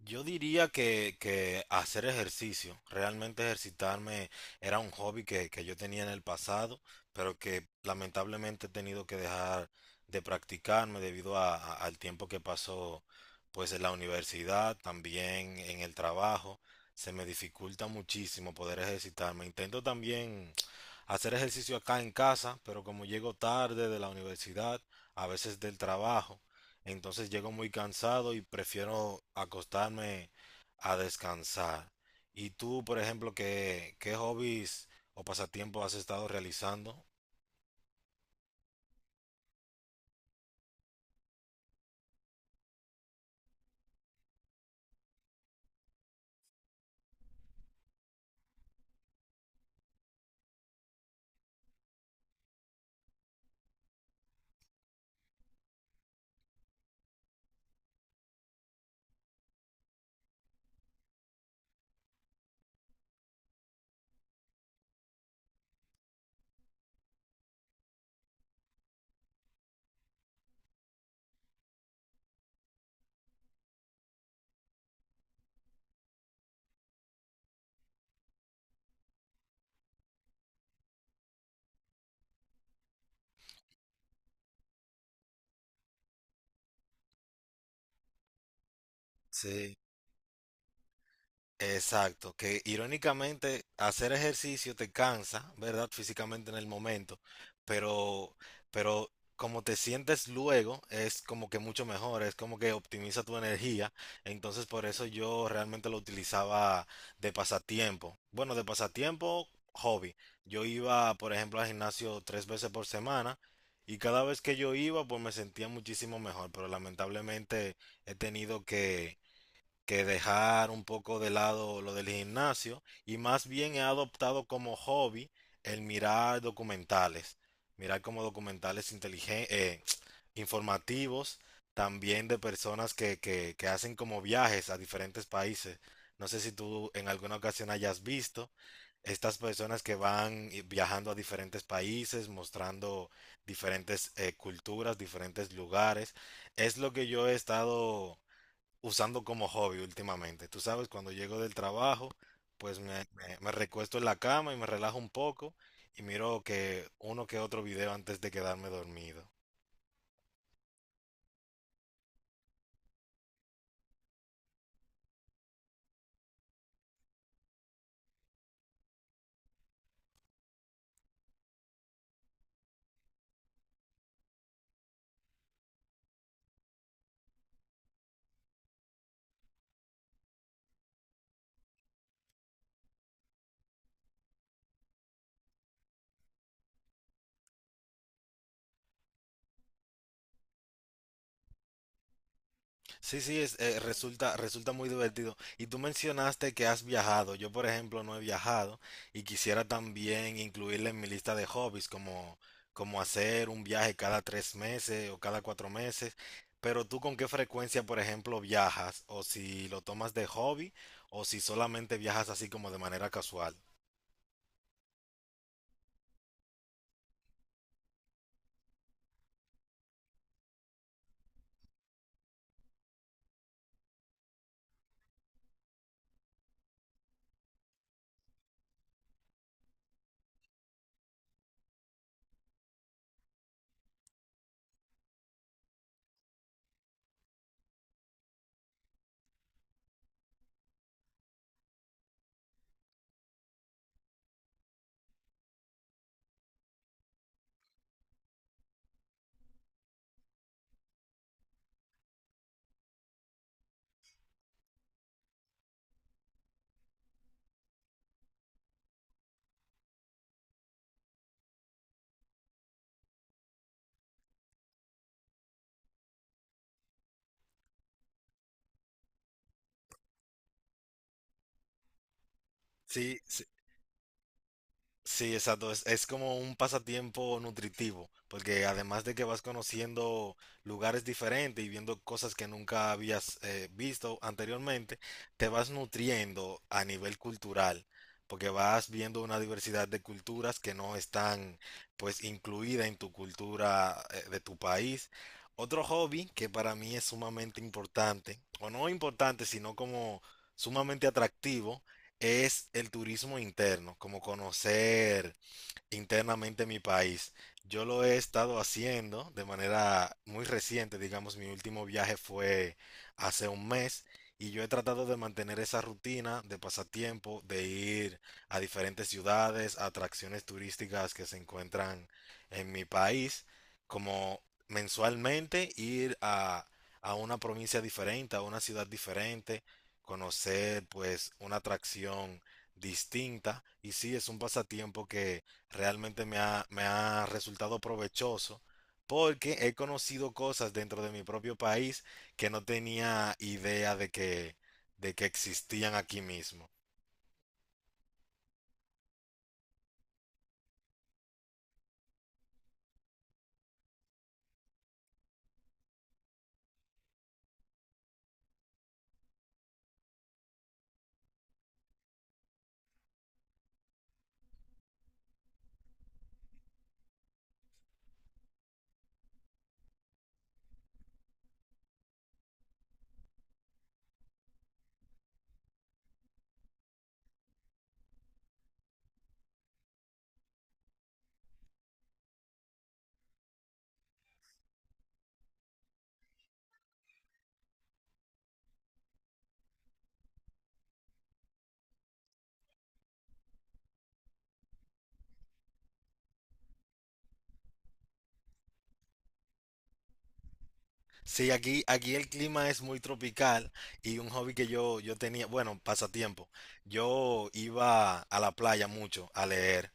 Yo diría que hacer ejercicio, realmente ejercitarme era un hobby que yo tenía en el pasado, pero que lamentablemente he tenido que dejar de practicarme debido al tiempo que pasó pues en la universidad, también en el trabajo. Se me dificulta muchísimo poder ejercitarme. Intento también hacer ejercicio acá en casa, pero como llego tarde de la universidad, a veces del trabajo, entonces llego muy cansado y prefiero acostarme a descansar. ¿Y tú, por ejemplo, qué hobbies o pasatiempos has estado realizando? Sí. Exacto, que irónicamente hacer ejercicio te cansa, ¿verdad? Físicamente en el momento, pero, pero como te sientes luego es como que mucho mejor, es como que optimiza tu energía, entonces por eso yo realmente lo utilizaba de pasatiempo. Bueno, de pasatiempo, hobby. Yo iba, por ejemplo, al gimnasio tres veces por semana y cada vez que yo iba, pues me sentía muchísimo mejor, pero lamentablemente he tenido que dejar un poco de lado lo del gimnasio y más bien he adoptado como hobby el mirar documentales, mirar como documentales informativos, también de personas que hacen como viajes a diferentes países. No sé si tú en alguna ocasión hayas visto estas personas que van viajando a diferentes países, mostrando diferentes culturas, diferentes lugares. Es lo que yo he estado usando como hobby últimamente. Tú sabes, cuando llego del trabajo, pues me recuesto en la cama y me relajo un poco y miro que uno que otro video antes de quedarme dormido. Sí, sí, resulta muy divertido. Y tú mencionaste que has viajado. Yo, por ejemplo, no he viajado y quisiera también incluirle en mi lista de hobbies, como, como hacer un viaje cada 3 meses o cada 4 meses. Pero tú con qué frecuencia, por ejemplo, viajas, o si lo tomas de hobby, o si solamente viajas así como de manera casual. Sí, sí, exacto. Es como un pasatiempo nutritivo, porque además de que vas conociendo lugares diferentes y viendo cosas que nunca habías visto anteriormente, te vas nutriendo a nivel cultural, porque vas viendo una diversidad de culturas que no están pues incluida en tu cultura de tu país. Otro hobby que para mí es sumamente importante, o no importante, sino como sumamente atractivo, es el turismo interno, como conocer, internamente en mi país. Yo lo he estado haciendo de manera muy reciente, digamos, mi último viaje fue hace un mes y yo he tratado de mantener esa rutina de pasatiempo, de ir a diferentes ciudades, a atracciones turísticas que se encuentran en mi país, como mensualmente ir a una provincia diferente, a una ciudad diferente, conocer pues una atracción distinta y sí, es un pasatiempo que realmente me ha resultado provechoso porque he conocido cosas dentro de mi propio país que no tenía idea de que existían aquí mismo. Sí, aquí el clima es muy tropical y un hobby que yo tenía, bueno, pasatiempo, yo iba a la playa mucho a leer.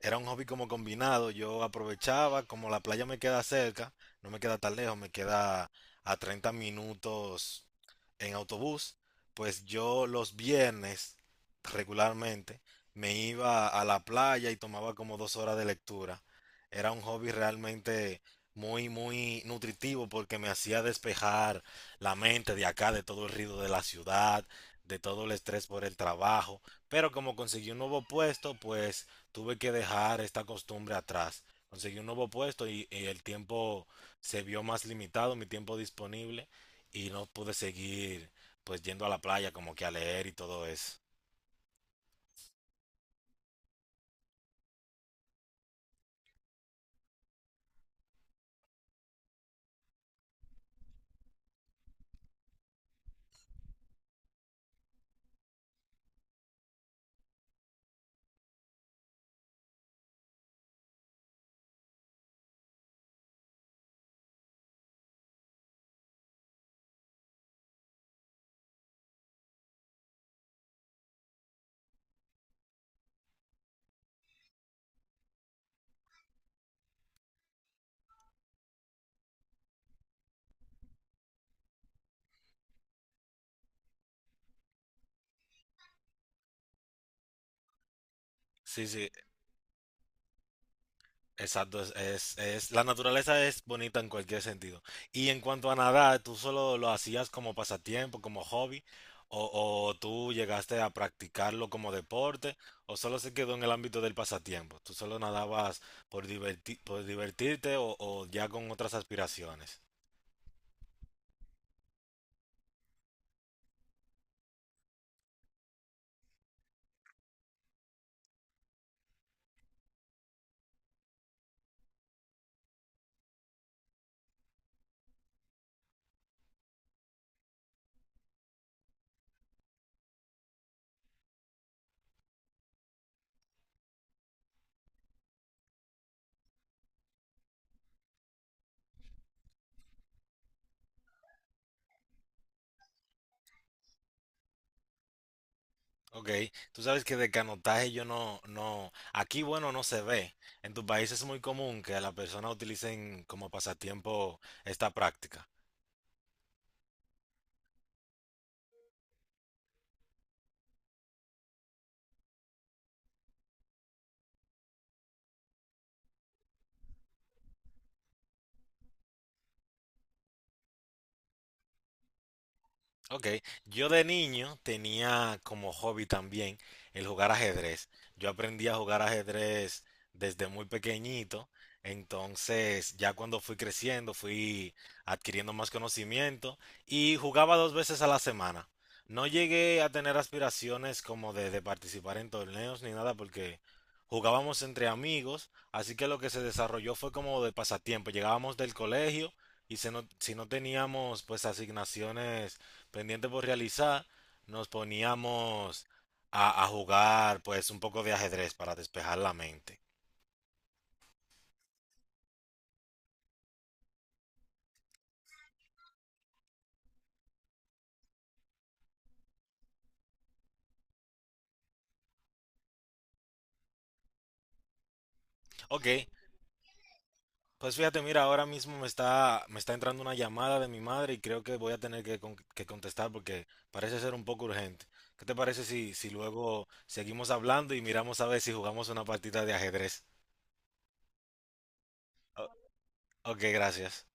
Era un hobby como combinado. Yo aprovechaba, como la playa me queda cerca, no me queda tan lejos, me queda a 30 minutos en autobús, pues yo los viernes regularmente me iba a la playa y tomaba como 2 horas de lectura. Era un hobby realmente muy, muy nutritivo porque me hacía despejar la mente de acá, de todo el ruido de la ciudad, de todo el estrés por el trabajo. Pero como conseguí un nuevo puesto, pues tuve que dejar esta costumbre atrás. Conseguí un nuevo puesto y el tiempo se vio más limitado, mi tiempo disponible, y no pude seguir pues yendo a la playa como que a leer y todo eso. Sí, sí, exacto, la naturaleza es bonita en cualquier sentido. Y en cuanto a nadar, ¿tú solo lo hacías como pasatiempo, como hobby, o, o tú llegaste a practicarlo como deporte, o solo se quedó en el ámbito del pasatiempo? ¿Tú solo nadabas por por divertirte o ya con otras aspiraciones? Ok, tú sabes que de canotaje yo no, no, aquí bueno no se ve. En tu país es muy común que las personas utilicen como pasatiempo esta práctica. Ok, yo de niño tenía como hobby también el jugar ajedrez. Yo aprendí a jugar ajedrez desde muy pequeñito, entonces ya cuando fui creciendo fui adquiriendo más conocimiento y jugaba dos veces a la semana. No llegué a tener aspiraciones como de participar en torneos ni nada porque jugábamos entre amigos, así que lo que se desarrolló fue como de pasatiempo. Llegábamos del colegio y se no- si no teníamos pues asignaciones pendiente por realizar, nos poníamos a jugar pues un poco de ajedrez para despejar la mente. Ok, pues fíjate, mira, ahora mismo me está entrando una llamada de mi madre y creo que voy a tener que contestar porque parece ser un poco urgente. ¿Qué te parece si luego seguimos hablando y miramos a ver si jugamos una partida de ajedrez? O- ok, gracias.